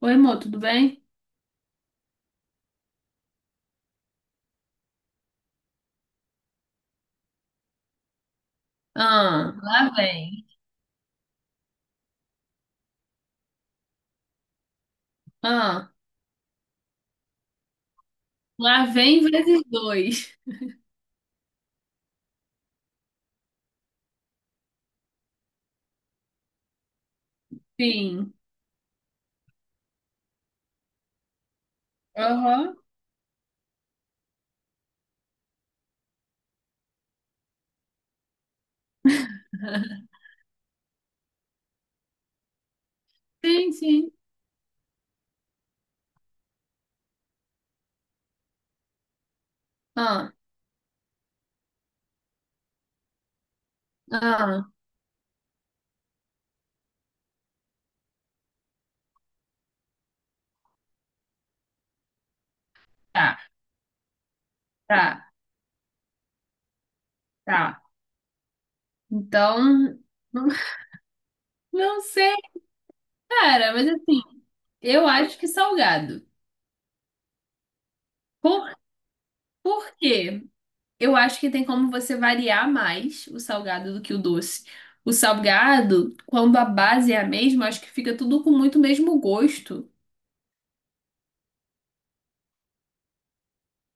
Oi, amor, tudo bem? Ah, lá vem. Ah, lá vem vezes dois. Sim. Aham. Sim, sim. Ah, ah, tá, tá, tá. Então, não, não sei, cara, mas assim, eu acho que salgado. Por, por quê? Eu acho que tem como você variar mais o salgado do que o doce. O salgado, quando a base é a mesma, acho que fica tudo com muito mesmo gosto.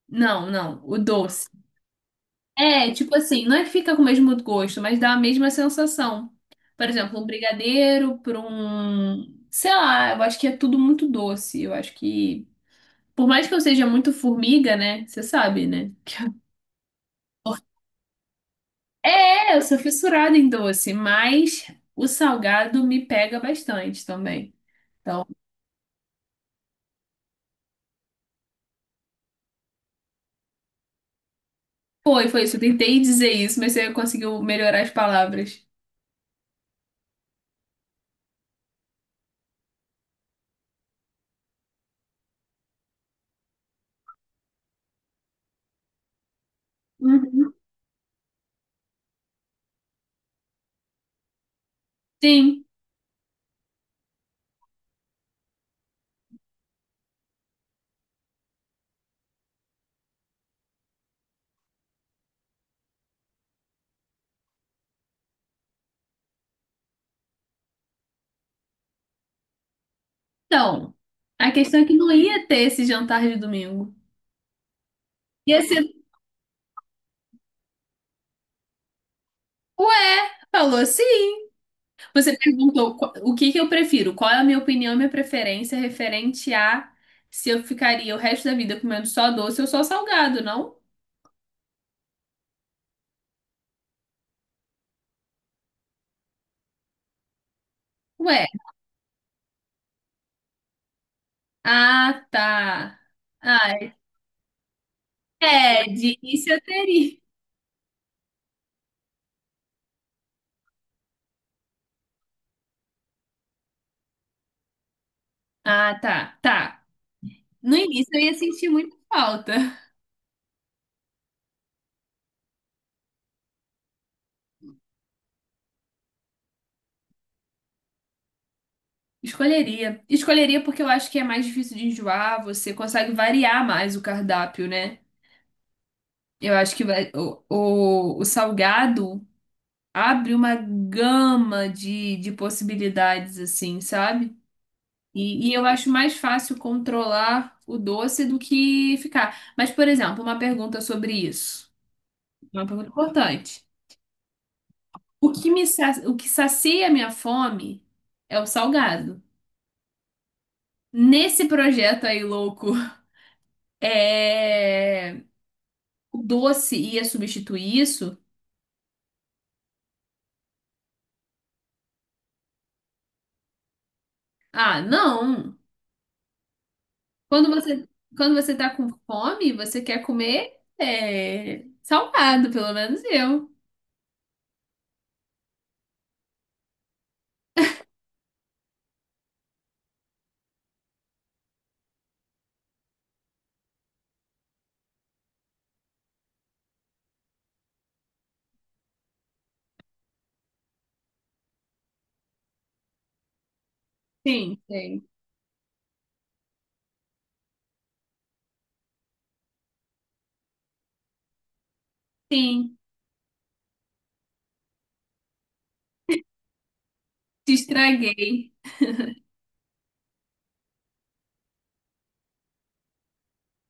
Não, não, o doce. É, tipo assim, não é que fica com o mesmo gosto, mas dá a mesma sensação. Por exemplo, um brigadeiro para um, sei lá, eu acho que é tudo muito doce. Eu acho que, por mais que eu seja muito formiga, né? Você sabe, né? É, eu sou fissurada em doce, mas o salgado me pega bastante também. Então, foi isso. Eu tentei dizer isso, mas você conseguiu melhorar as palavras. Uhum. Sim. Então, a questão é que não ia ter esse jantar de domingo. E assim, ué, falou sim. Você perguntou o que que eu prefiro, qual é a minha opinião, minha preferência referente a se eu ficaria o resto da vida comendo só doce ou só salgado, não? Ué, ah, tá. Ah, é, de início eu teria. Ah, tá, tá. No início eu ia sentir muita falta. Escolheria. Escolheria porque eu acho que é mais difícil de enjoar, você consegue variar mais o cardápio, né? Eu acho que o salgado abre uma gama de possibilidades, assim, sabe? E eu acho mais fácil controlar o doce do que ficar. Mas, por exemplo, uma pergunta sobre isso. Uma pergunta importante. O que sacia a minha fome é o salgado. Nesse projeto aí louco, é... o doce ia substituir isso? Ah, não. Quando você, quando você tá com fome, você quer comer é, salgado, pelo menos eu. Sim, sim. Sim, te estraguei.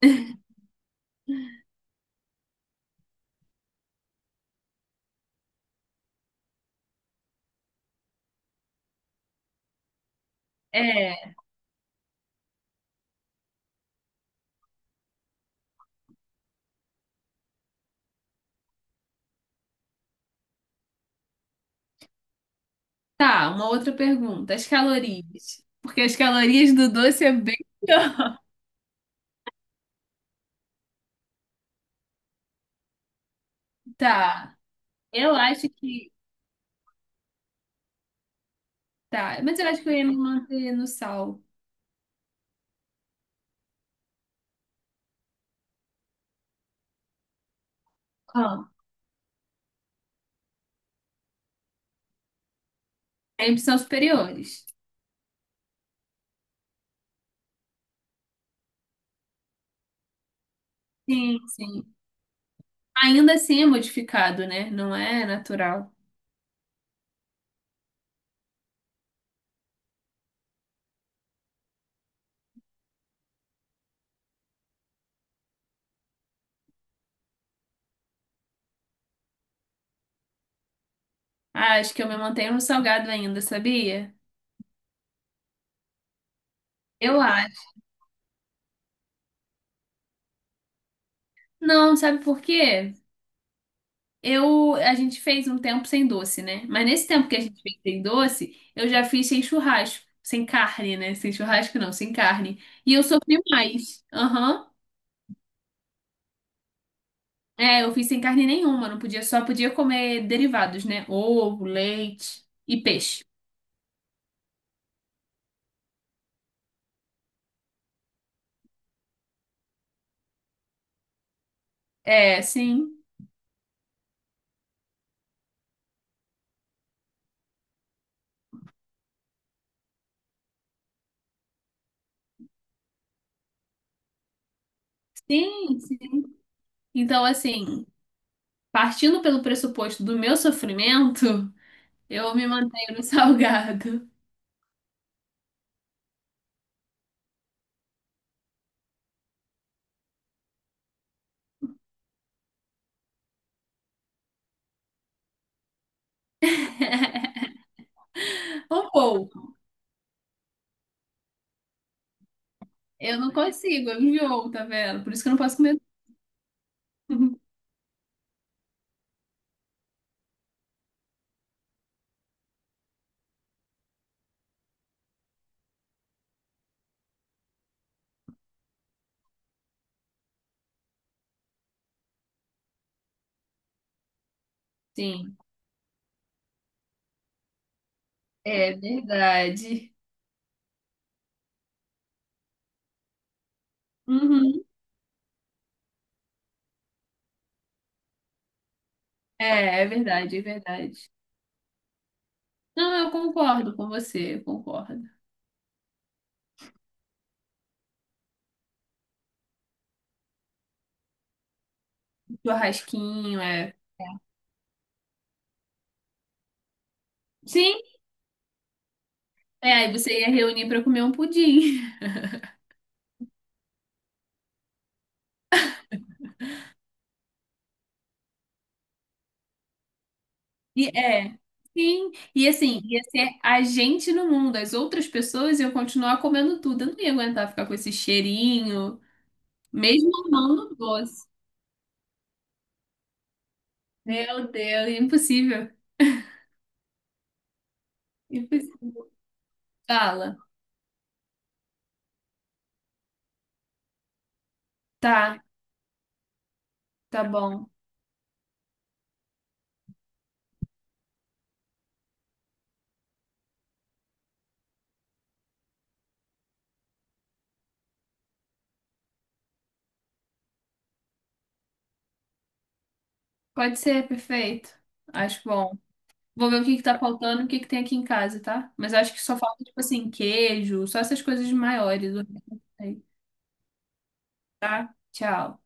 É, tá, uma outra pergunta. As calorias. Porque as calorias do doce é bem pior. Tá, eu acho que. Tá, mas eu acho que eu ia me manter no sal. Ah. Sempre são superiores. Sim, sim. Ainda assim é modificado, né? Não é natural. Ah, acho que eu me mantenho no salgado ainda, sabia? Eu acho. Não, sabe por quê? A gente fez um tempo sem doce, né? Mas nesse tempo que a gente fez sem doce, eu já fiz sem churrasco, sem carne, né? Sem churrasco não, sem carne. E eu sofri mais. Aham. É, eu fiz sem carne nenhuma, não podia, só podia comer derivados, né? Ovo, leite e peixe. É, sim. Sim, sim. Então, assim, partindo pelo pressuposto do meu sofrimento, eu me mantenho no salgado. Um pouco. Eu não consigo, eu enjoo, tá vendo? Por isso que eu não posso comer tudo. Sim, é verdade. Uhum. É, é verdade, é verdade. Não, eu concordo com você, eu concordo. Churrasquinho, é. Sim, é, aí você ia reunir pra comer um pudim. E é, sim. E assim, ia ser a gente no mundo, as outras pessoas iam continuar comendo tudo. Eu não ia aguentar ficar com esse cheirinho, mesmo amando o doce. Meu Deus, é impossível. Impossível. Fala. Tá. Tá bom. Pode ser, perfeito. Acho bom. Vou ver o que que tá faltando, o que que tem aqui em casa, tá? Mas acho que só falta, tipo assim, queijo, só essas coisas maiores. O resto não sei. Tá? Tchau.